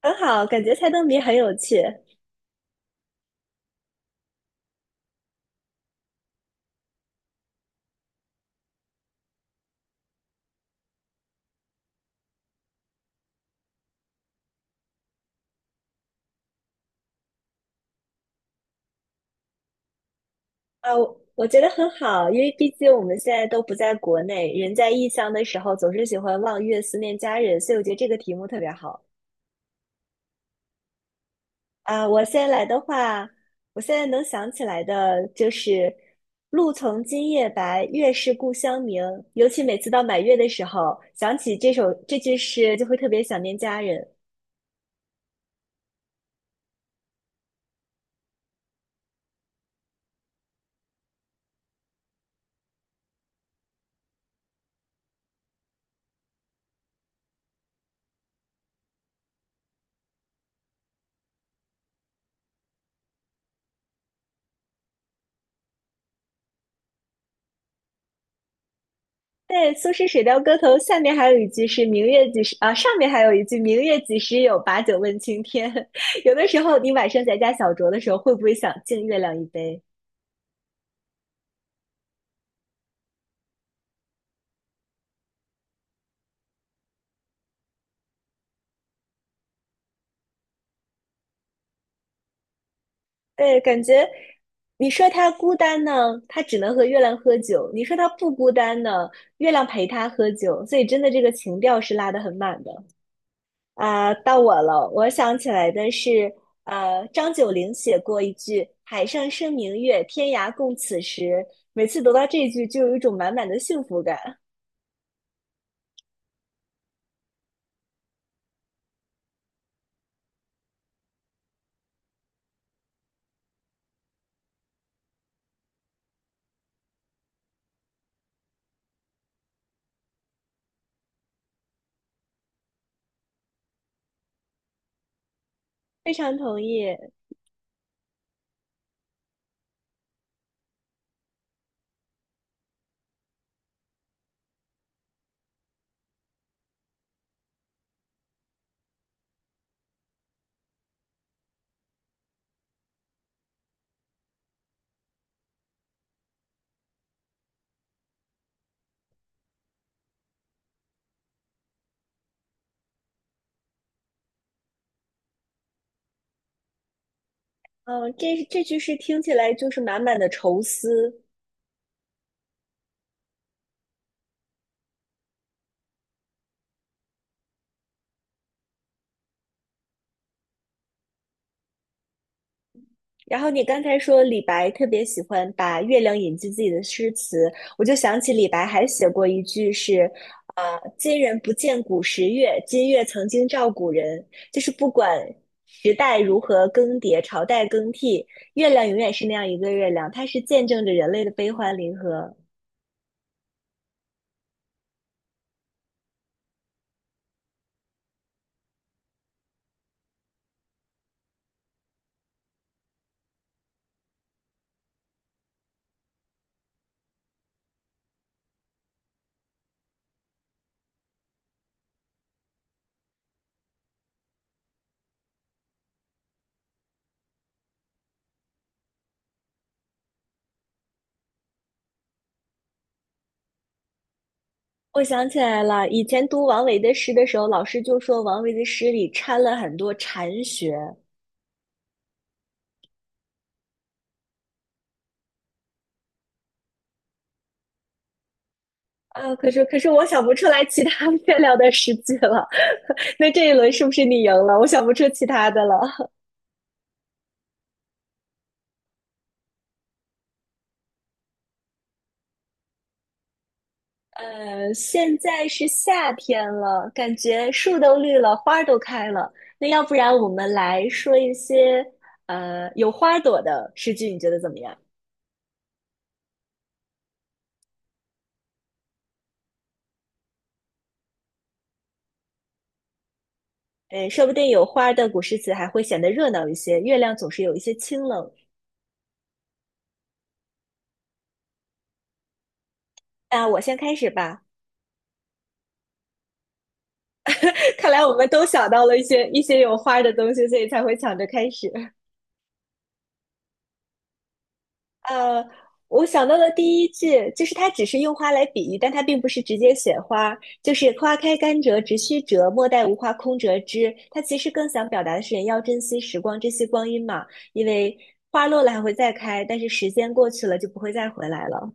很好，感觉猜灯谜很有趣。啊，我觉得很好，因为毕竟我们现在都不在国内，人在异乡的时候总是喜欢望月思念家人，所以我觉得这个题目特别好。啊。我现在来的话，我现在能想起来的就是“露从今夜白，月是故乡明”，尤其每次到满月的时候，想起这句诗，就会特别想念家人。对，苏轼《水调歌头》下面还有一句是“明月几时”，啊，上面还有一句“明月几时有，把酒问青天”。 有的时候，你晚上在家小酌的时候，会不会想敬月亮一杯？对，感觉你说他孤单呢，他只能和月亮喝酒；你说他不孤单呢，月亮陪他喝酒。所以，真的这个情调是拉得很满的。啊，到我了。我想起来的是，张九龄写过一句“海上生明月，天涯共此时”。每次读到这句，就有一种满满的幸福感。非常同意。嗯，这句诗听起来就是满满的愁思。然后你刚才说李白特别喜欢把月亮引进自己的诗词，我就想起李白还写过一句是，呃，今人不见古时月，今月曾经照古人。就是不管时代如何更迭，朝代更替，月亮永远是那样一个月亮，它是见证着人类的悲欢离合。我想起来了，以前读王维的诗的时候，老师就说王维的诗里掺了很多禅学。啊，可是我想不出来其他 月亮的诗句了。那这一轮是不是你赢了？我想不出其他的了。呃，现在是夏天了，感觉树都绿了，花都开了。那要不然我们来说一些有花朵的诗句，你觉得怎么样？嗯，说不定有花的古诗词还会显得热闹一些。月亮总是有一些清冷。那我先开始吧。看来我们都想到了一些有花的东西，所以才会抢着开始。呃，我想到了第一句就是它只是用花来比喻，但它并不是直接写花，就是花开堪折直须折，莫待无花空折枝。它其实更想表达的是人要珍惜时光，珍惜光阴嘛，因为花落了还会再开，但是时间过去了就不会再回来了。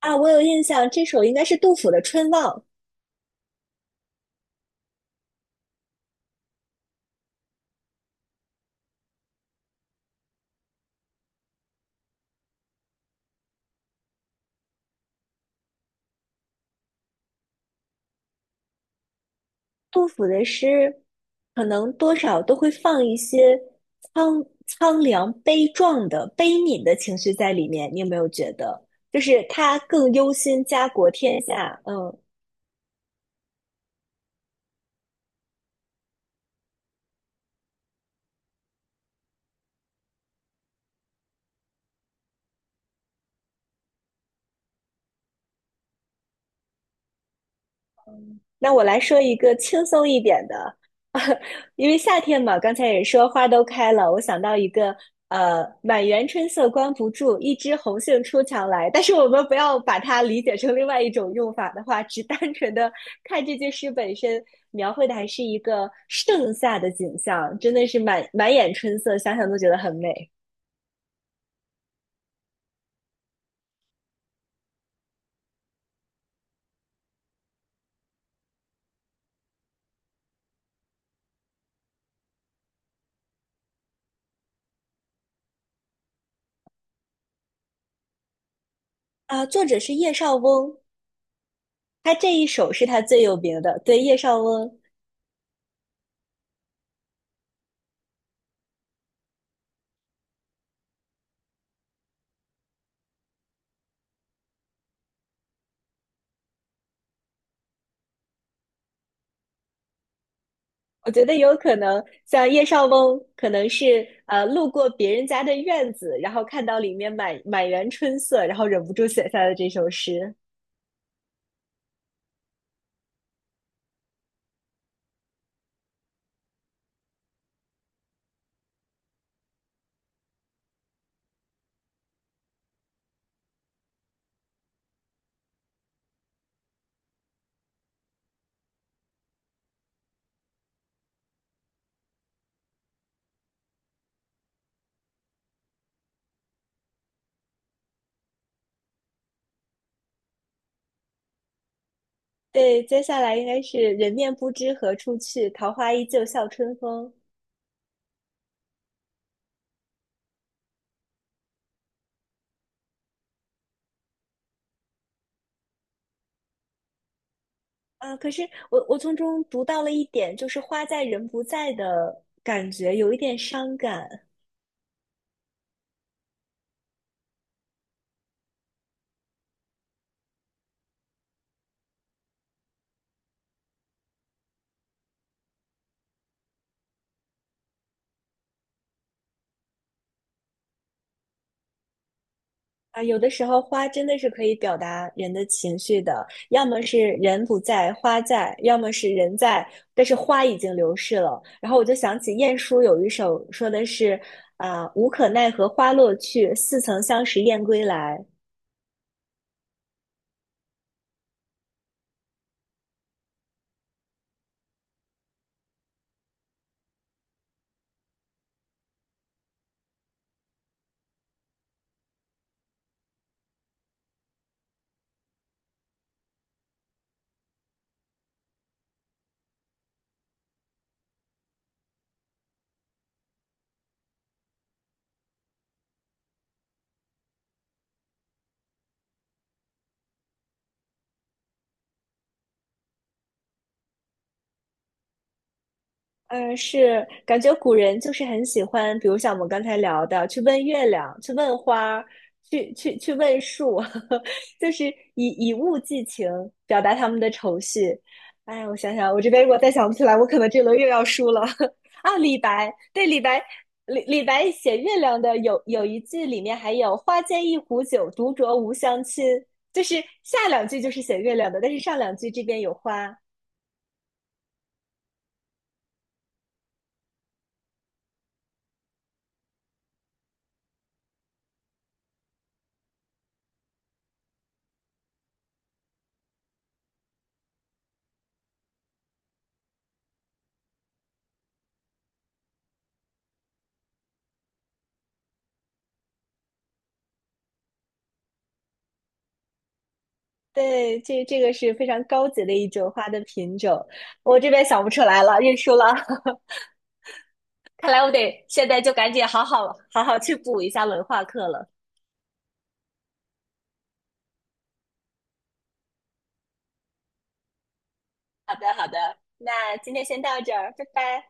啊，我有印象，这首应该是杜甫的《春望》。杜甫的诗可能多少都会放一些苍凉、悲壮的、悲悯的情绪在里面，你有没有觉得？就是他更忧心家国天下，嗯，那我来说一个轻松一点的，因为夏天嘛，刚才也说花都开了，我想到一个，呃，满园春色关不住，一枝红杏出墙来。但是我们不要把它理解成另外一种用法的话，只单纯的看这句诗本身描绘的还是一个盛夏的景象，真的是满满眼春色，想想都觉得很美。啊。作者是叶绍翁，他这一首是他最有名的，对，叶绍翁。我觉得有可能，像叶绍翁，可能是路过别人家的院子，然后看到里面满满园春色，然后忍不住写下了这首诗。对，接下来应该是“人面不知何处去，桃花依旧笑春风”。啊。可是我从中读到了一点，就是花在人不在的感觉，有一点伤感。啊，有的时候花真的是可以表达人的情绪的，要么是人不在，花在；要么是人在，但是花已经流逝了。然后我就想起晏殊有一首说的是，啊、无可奈何花落去，似曾相识燕归来。呃，是感觉古人就是很喜欢，比如像我们刚才聊的，去问月亮，去问花儿去问树，就是以物寄情，表达他们的愁绪。哎，我想想，我这边如果再想不起来，我可能这轮又要输了。啊，李白，对，李白，李白写月亮的有一句里面还有“花间一壶酒，独酌无相亲”，就是下两句就是写月亮的，但是上两句这边有花。对，这这个是非常高级的一种花的品种，我这边想不出来了，认输了。看来我得现在就赶紧好好去补一下文化课了。好的，好的，那今天先到这儿，拜拜。